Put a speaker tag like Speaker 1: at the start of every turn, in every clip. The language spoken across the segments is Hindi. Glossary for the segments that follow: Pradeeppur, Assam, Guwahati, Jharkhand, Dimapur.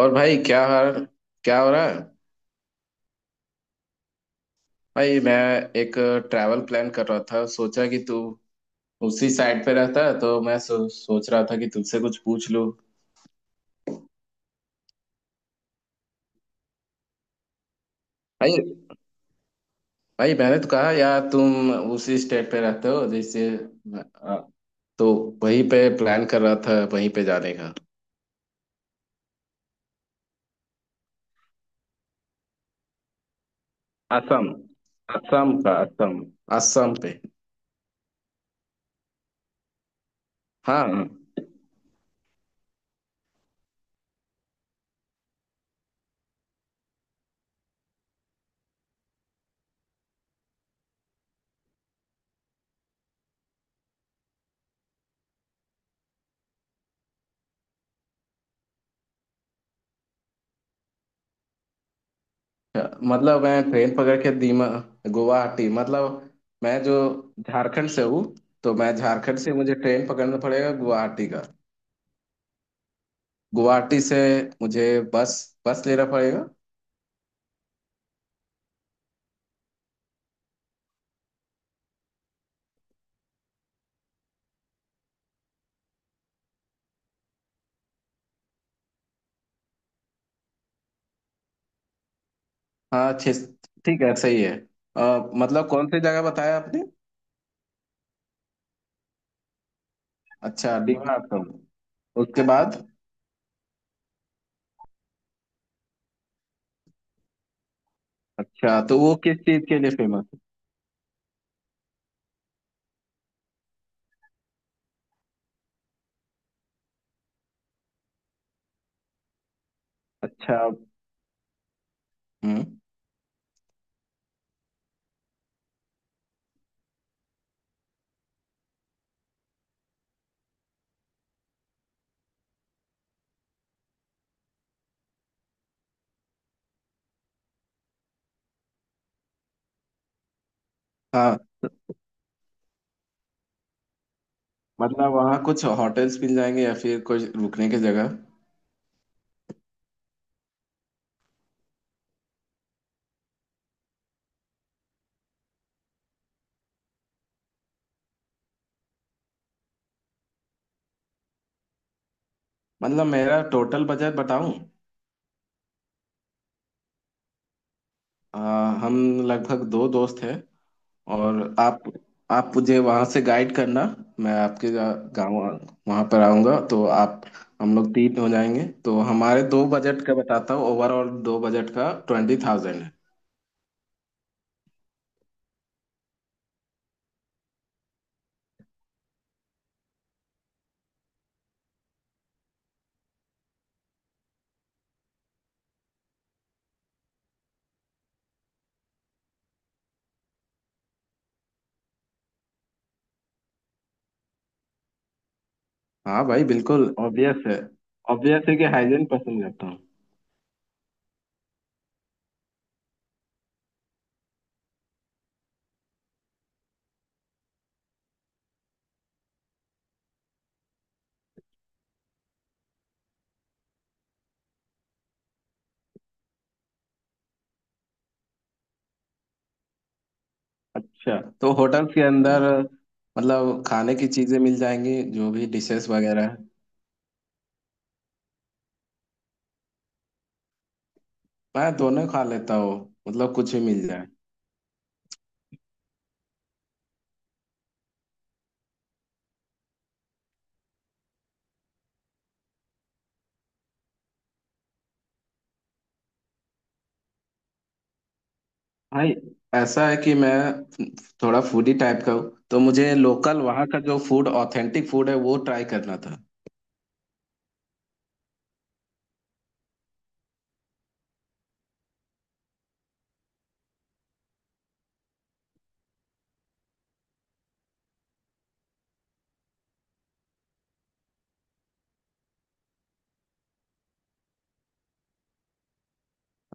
Speaker 1: और भाई क्या हाल? क्या हो रहा है? भाई मैं एक ट्रैवल प्लान कर रहा था, सोचा कि तू उसी साइड पे रहता है तो मैं सोच रहा था कि तुझसे कुछ पूछ लूं। भाई, भाई मैंने तो कहा यार तुम उसी स्टेट पे रहते हो जैसे, आ, तो वहीं पे प्लान कर रहा था, वहीं पे जाने का। असम। असम का असम। असम पे। हाँ। मतलब मैं ट्रेन पकड़ के दीमा, गुवाहाटी मतलब मैं जो झारखंड से हूँ, तो मैं झारखंड से मुझे ट्रेन पकड़ना पड़ेगा गुवाहाटी का। गुवाहाटी से मुझे बस बस लेना पड़ेगा। हाँ छः, ठीक है, सही है। मतलब कौन सी जगह बताया आपने? अच्छा, दीमा आपका। उसके बाद? अच्छा, तो वो किस चीज के लिए फेमस है? अच्छा। हम्म। हाँ, मतलब वहाँ कुछ होटल्स मिल जाएंगे या फिर कुछ रुकने की जगह? मतलब मेरा टोटल बजट बताऊं? अ, हम लगभग दो दोस्त हैं। और आप मुझे वहाँ से गाइड करना। मैं आपके गांव, वहाँ पर आऊँगा तो आप। हम लोग तीन हो जाएंगे, तो हमारे दो बजट का बताता हूँ, ओवरऑल दो बजट का 20,000 है। हाँ भाई, बिल्कुल ऑब्वियस है। ऑब्वियस है कि हाइजीन पसंद करता हूँ। अच्छा, तो होटल के अंदर मतलब खाने की चीज़ें मिल जाएंगी, जो भी डिशेस वगैरह है। मैं दोनों खा लेता हूँ। मतलब कुछ भी मिल जाए। भाई ऐसा है कि मैं थोड़ा फूडी टाइप का हूँ, तो मुझे लोकल वहाँ का जो फूड, ऑथेंटिक फूड है वो ट्राई करना था।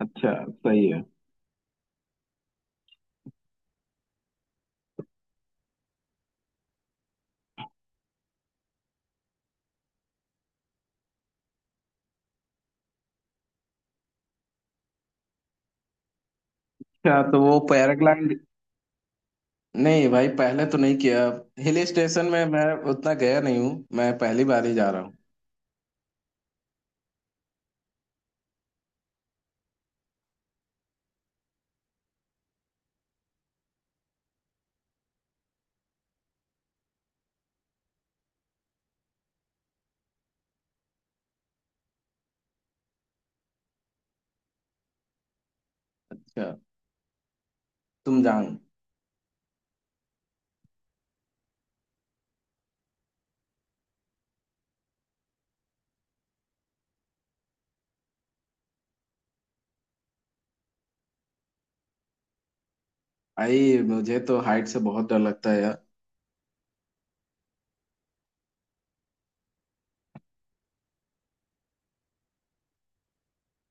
Speaker 1: अच्छा, सही है। अच्छा, तो वो पैराग्लाइड? नहीं भाई, पहले तो नहीं किया। हिल स्टेशन में मैं उतना गया नहीं हूँ, मैं पहली बार ही जा रहा हूँ। अच्छा। तुम जाओ। भाई मुझे तो हाइट से बहुत डर लगता है यार।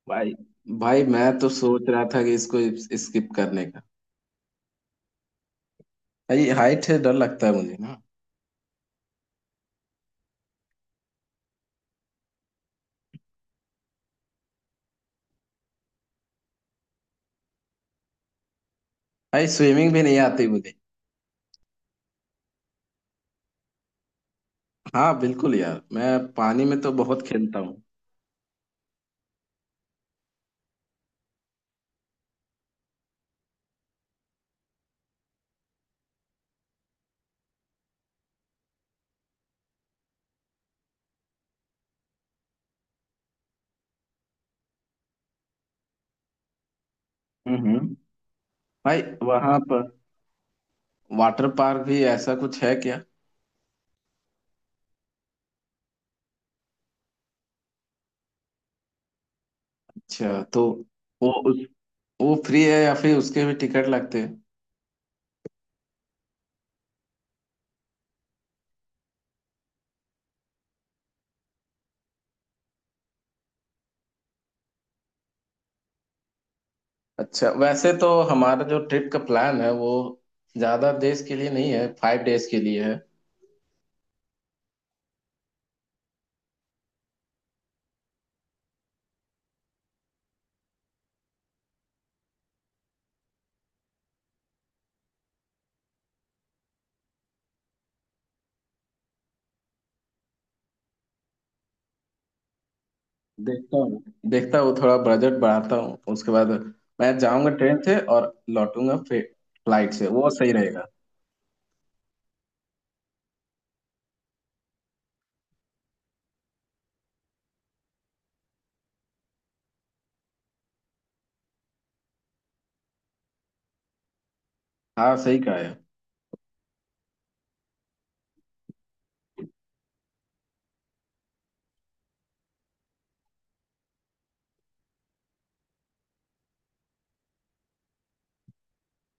Speaker 1: भाई, भाई मैं तो सोच रहा था कि इसको स्किप करने का। भाई हाइट से डर लगता है मुझे ना। भाई स्विमिंग भी नहीं आती मुझे। हाँ बिल्कुल यार, मैं पानी में तो बहुत खेलता हूँ। हम्म। भाई वहां पर वाटर पार्क भी ऐसा कुछ है क्या? अच्छा, तो वो, उस, वो फ्री है या फिर उसके भी टिकट लगते हैं? अच्छा, वैसे तो हमारा जो ट्रिप का प्लान है वो ज्यादा देश के लिए नहीं है, 5 डेज के लिए है। देखता हूँ, देखता हूँ, थोड़ा बजट बढ़ाता हूँ, उसके बाद मैं जाऊंगा ट्रेन से और लौटूंगा फ्लाइट से, वो सही रहेगा। हाँ, सही कहा है।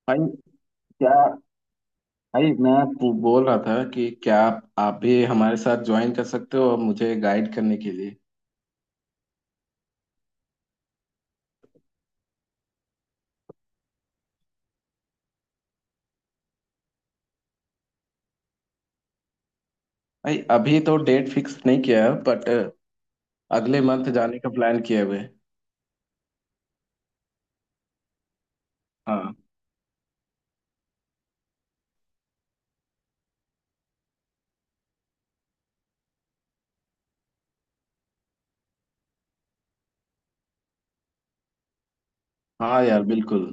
Speaker 1: भाई, क्या? भाई मैं बोल रहा था कि क्या आप भी हमारे साथ ज्वाइन कर सकते हो मुझे गाइड करने के लिए? भाई अभी तो डेट फिक्स नहीं किया है, बट अगले मंथ जाने का प्लान किए हुए हैं। हाँ। हाँ यार, बिल्कुल।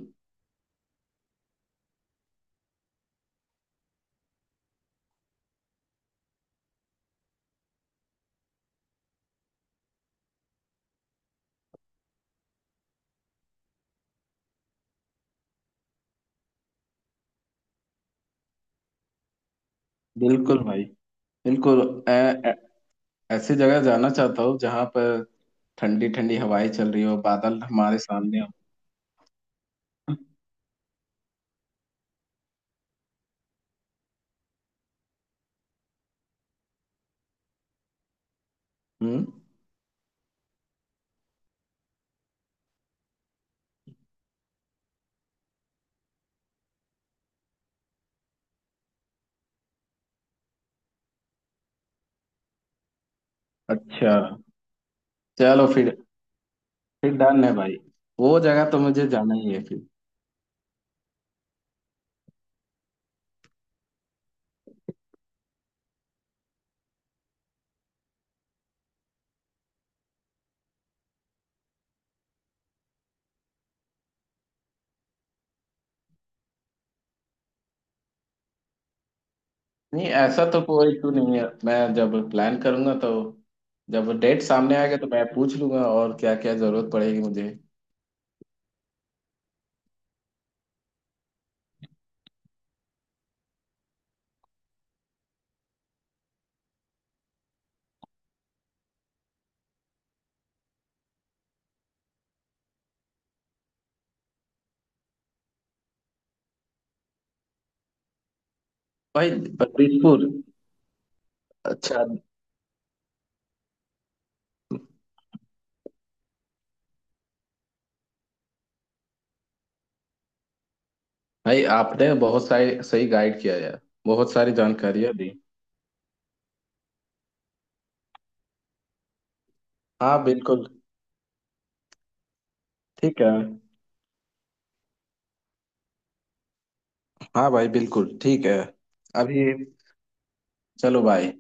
Speaker 1: बिल्कुल भाई, बिल्कुल। ऐ- ऐ- ऐसी जगह जाना चाहता हूँ जहाँ पर ठंडी ठंडी हवाएं चल रही हो, बादल हमारे सामने हो। हम्म। अच्छा। चलो फिर डन है भाई। वो जगह तो मुझे जाना ही है फिर। नहीं, ऐसा तो कोई इशू नहीं है, मैं जब प्लान करूंगा, तो जब डेट सामने आएगा तो मैं पूछ लूंगा और क्या क्या जरूरत पड़ेगी मुझे। भाई प्रदीपपुर। अच्छा। भाई आपने बहुत सारी सही गाइड किया यार। बहुत सारी जानकारियां दी। हाँ बिल्कुल ठीक है। हाँ भाई बिल्कुल ठीक है। अभी। चलो भाई।